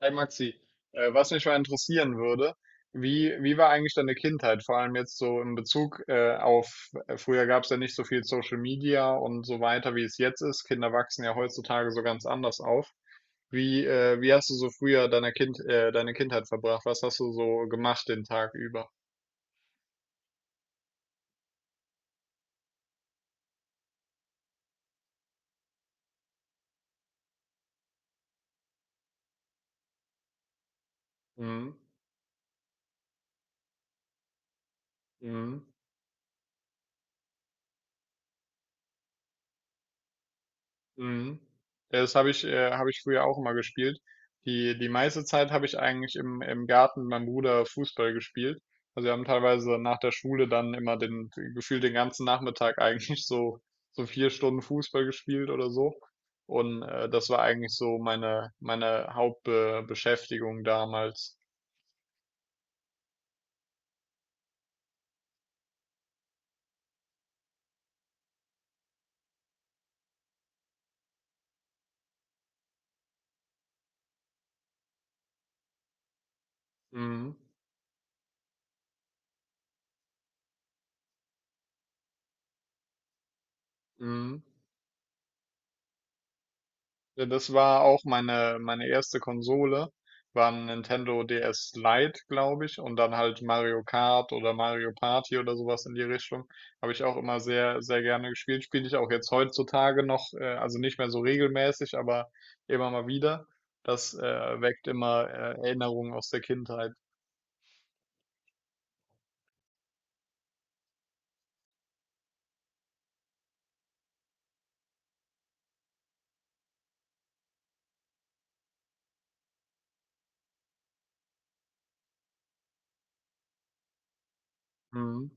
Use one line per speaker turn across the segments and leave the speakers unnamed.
Hey Maxi, was mich mal interessieren würde, wie war eigentlich deine Kindheit, vor allem jetzt so in Bezug auf, früher gab es ja nicht so viel Social Media und so weiter, wie es jetzt ist. Kinder wachsen ja heutzutage so ganz anders auf. Wie, wie hast du so früher deine Kindheit verbracht? Was hast du so gemacht den Tag über? Mhm. Mhm. Mhm. Ja, das habe ich früher auch immer gespielt. Die meiste Zeit habe ich eigentlich im Garten mit meinem Bruder Fußball gespielt. Also wir haben teilweise nach der Schule dann immer den, gefühlt den ganzen Nachmittag eigentlich so, so 4 Stunden Fußball gespielt oder so. Und das war eigentlich so meine Hauptbeschäftigung damals. Mhm. Mhm. Ja, das war auch meine erste Konsole, war ein Nintendo DS Lite, glaube ich, und dann halt Mario Kart oder Mario Party oder sowas in die Richtung. Habe ich auch immer sehr, sehr gerne gespielt. Spiele ich auch jetzt heutzutage noch, also nicht mehr so regelmäßig, aber immer mal wieder. Das weckt immer Erinnerungen aus der Kindheit. Mhm.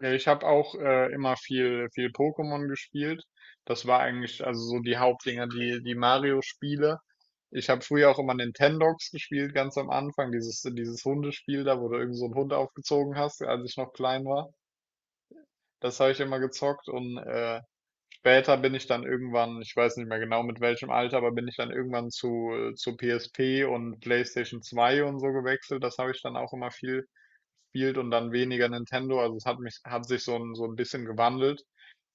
Ja, ich habe auch immer viel, viel Pokémon gespielt. Das war eigentlich also so die Hauptdinger, die Mario-Spiele. Ich habe früher auch immer Nintendogs gespielt, ganz am Anfang, dieses Hundespiel da, wo du irgend so einen Hund aufgezogen hast, als ich noch klein war. Das habe ich immer gezockt und später bin ich dann irgendwann, ich weiß nicht mehr genau mit welchem Alter, aber bin ich dann irgendwann zu PSP und PlayStation 2 und so gewechselt. Das habe ich dann auch immer viel gespielt und dann weniger Nintendo. Also es hat mich, hat sich so ein bisschen gewandelt.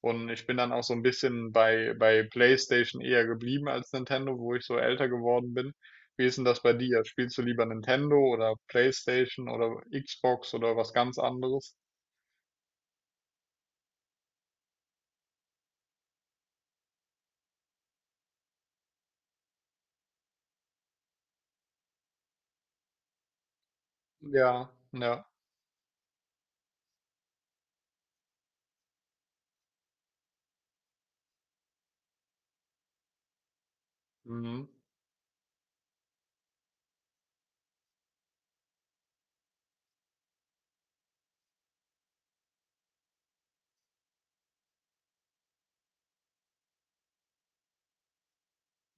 Und ich bin dann auch so ein bisschen bei PlayStation eher geblieben als Nintendo, wo ich so älter geworden bin. Wie ist denn das bei dir? Spielst du lieber Nintendo oder PlayStation oder Xbox oder was ganz anderes? Ja, ja. Mhm.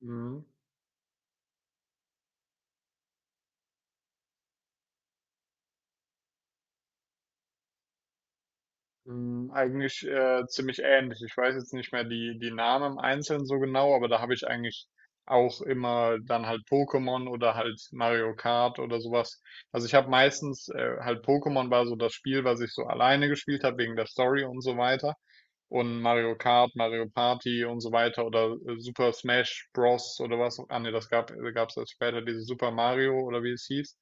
Mhm. Hm, eigentlich ziemlich ähnlich. Ich weiß jetzt nicht mehr die Namen im Einzelnen so genau, aber da habe ich eigentlich auch immer dann halt Pokémon oder halt Mario Kart oder sowas. Also ich habe meistens halt Pokémon war so das Spiel, was ich so alleine gespielt habe wegen der Story und so weiter. Und Mario Kart, Mario Party und so weiter oder Super Smash Bros. Oder was. Ah ne, das gab's erst später diese Super Mario oder wie es hieß.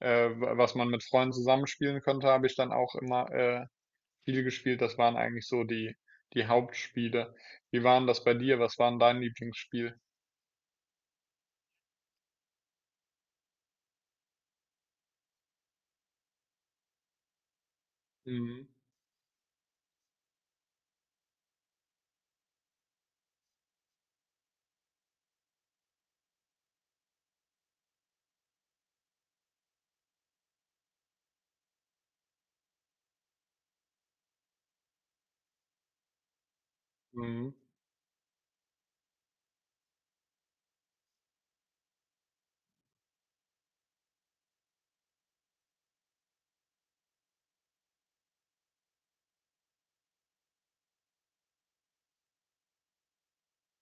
Was man mit Freunden zusammenspielen konnte, habe ich dann auch immer viel gespielt. Das waren eigentlich so die die Hauptspiele. Wie waren das bei dir? Was war 'n dein Lieblingsspiel? Mhm. Mhm.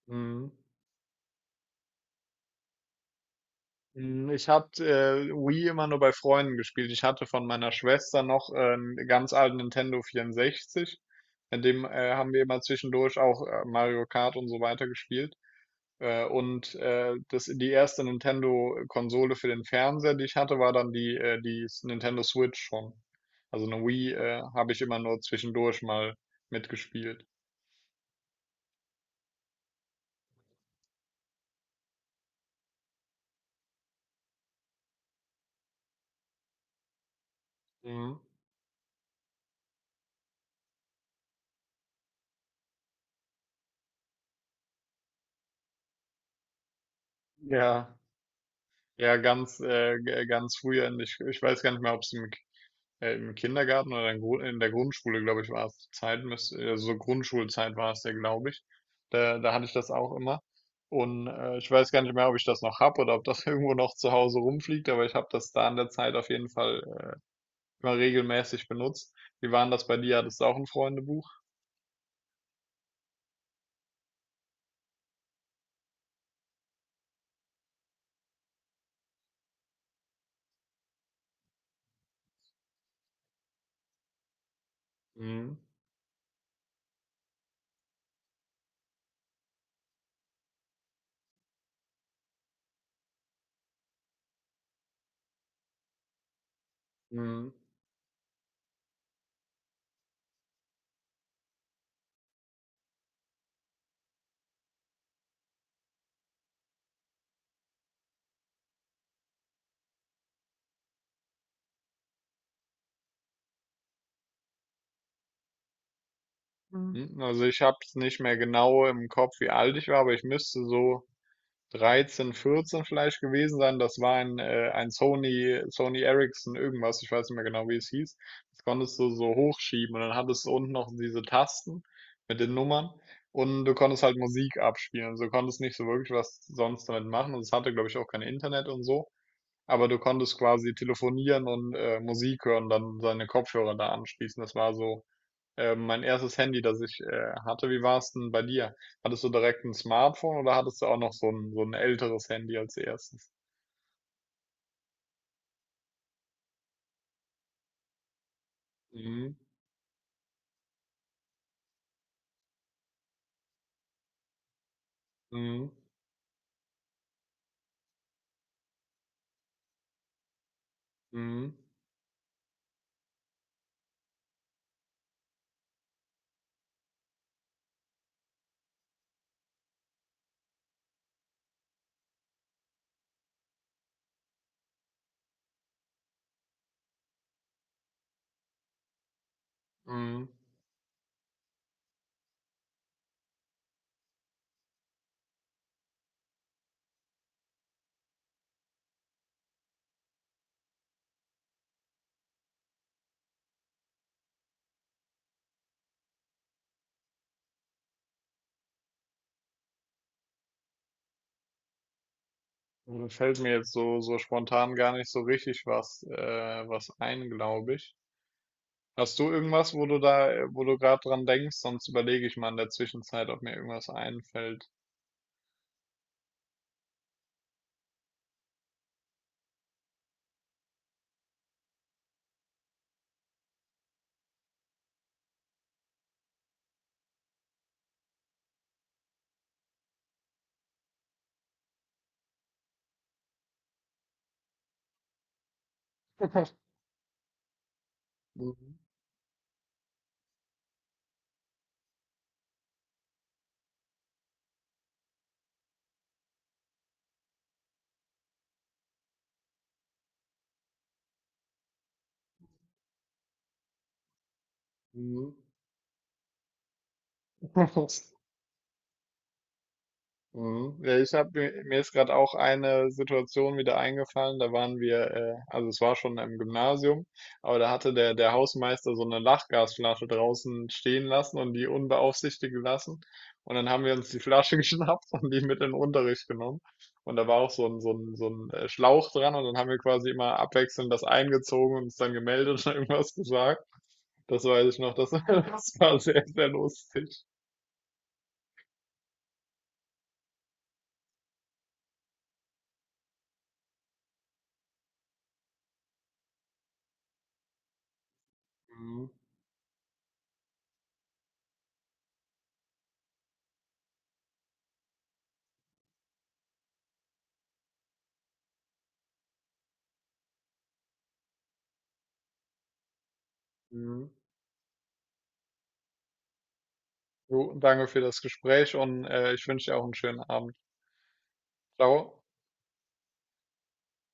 Mhm. Hm, ich habe, Wii immer nur bei Freunden gespielt. Ich hatte von meiner Schwester noch 'n ganz alten Nintendo 64. Mit dem haben wir immer zwischendurch auch Mario Kart und so weiter gespielt. Das, die erste Nintendo-Konsole für den Fernseher, die ich hatte, war dann die Nintendo Switch schon. Also eine Wii habe ich immer nur zwischendurch mal mitgespielt. Mhm. Ja, ja, ganz früher. Und ich weiß gar nicht mehr, ob es im im Kindergarten oder in der Grundschule, glaube ich, war es die Zeit, so Grundschulzeit war es ja, glaube ich. Da hatte ich das auch immer. Und ich weiß gar nicht mehr, ob ich das noch habe oder ob das irgendwo noch zu Hause rumfliegt, aber ich habe das da in der Zeit auf jeden Fall immer regelmäßig benutzt. Wie waren das bei dir? Hattest du auch ein Freundebuch? Mhm. Mhm. Mhm. Also ich habe es nicht mehr genau im Kopf, wie alt ich war, aber ich müsste so 13, 14 vielleicht gewesen sein. Das war ein Sony Ericsson irgendwas, ich weiß nicht mehr genau, wie es hieß. Das konntest du so hochschieben und dann hattest du unten noch diese Tasten mit den Nummern und du konntest halt Musik abspielen. Du konntest nicht so wirklich was sonst damit machen und es hatte, glaube ich, auch kein Internet und so. Aber du konntest quasi telefonieren und Musik hören, dann seine Kopfhörer da anschließen. Das war so mein erstes Handy, das ich hatte. Wie war es denn bei dir? Hattest du direkt ein Smartphone oder hattest du auch noch so ein älteres Handy als erstes? Mhm, mhm, mhm, mhm. Also, da fällt mir jetzt so, so spontan gar nicht so richtig was, was ein, glaube ich. Hast du irgendwas, wo du wo du gerade dran denkst? Sonst überlege ich mal in der Zwischenzeit, ob mir irgendwas einfällt. Mhm, mhm. Mhm. Ja, ich habe mir ist gerade auch eine Situation wieder eingefallen. Da waren wir, also es war schon im Gymnasium, aber da hatte der Hausmeister so eine Lachgasflasche draußen stehen lassen und die unbeaufsichtigt gelassen. Und dann haben wir uns die Flasche geschnappt und die mit in den Unterricht genommen. Und da war auch so ein Schlauch dran und dann haben wir quasi immer abwechselnd das eingezogen und uns dann gemeldet und irgendwas gesagt. Das weiß ich noch, das, das war sehr, sehr lustig. Mhm. Mhm. Du, danke für das Gespräch und ich wünsche dir auch einen schönen Abend. Ciao.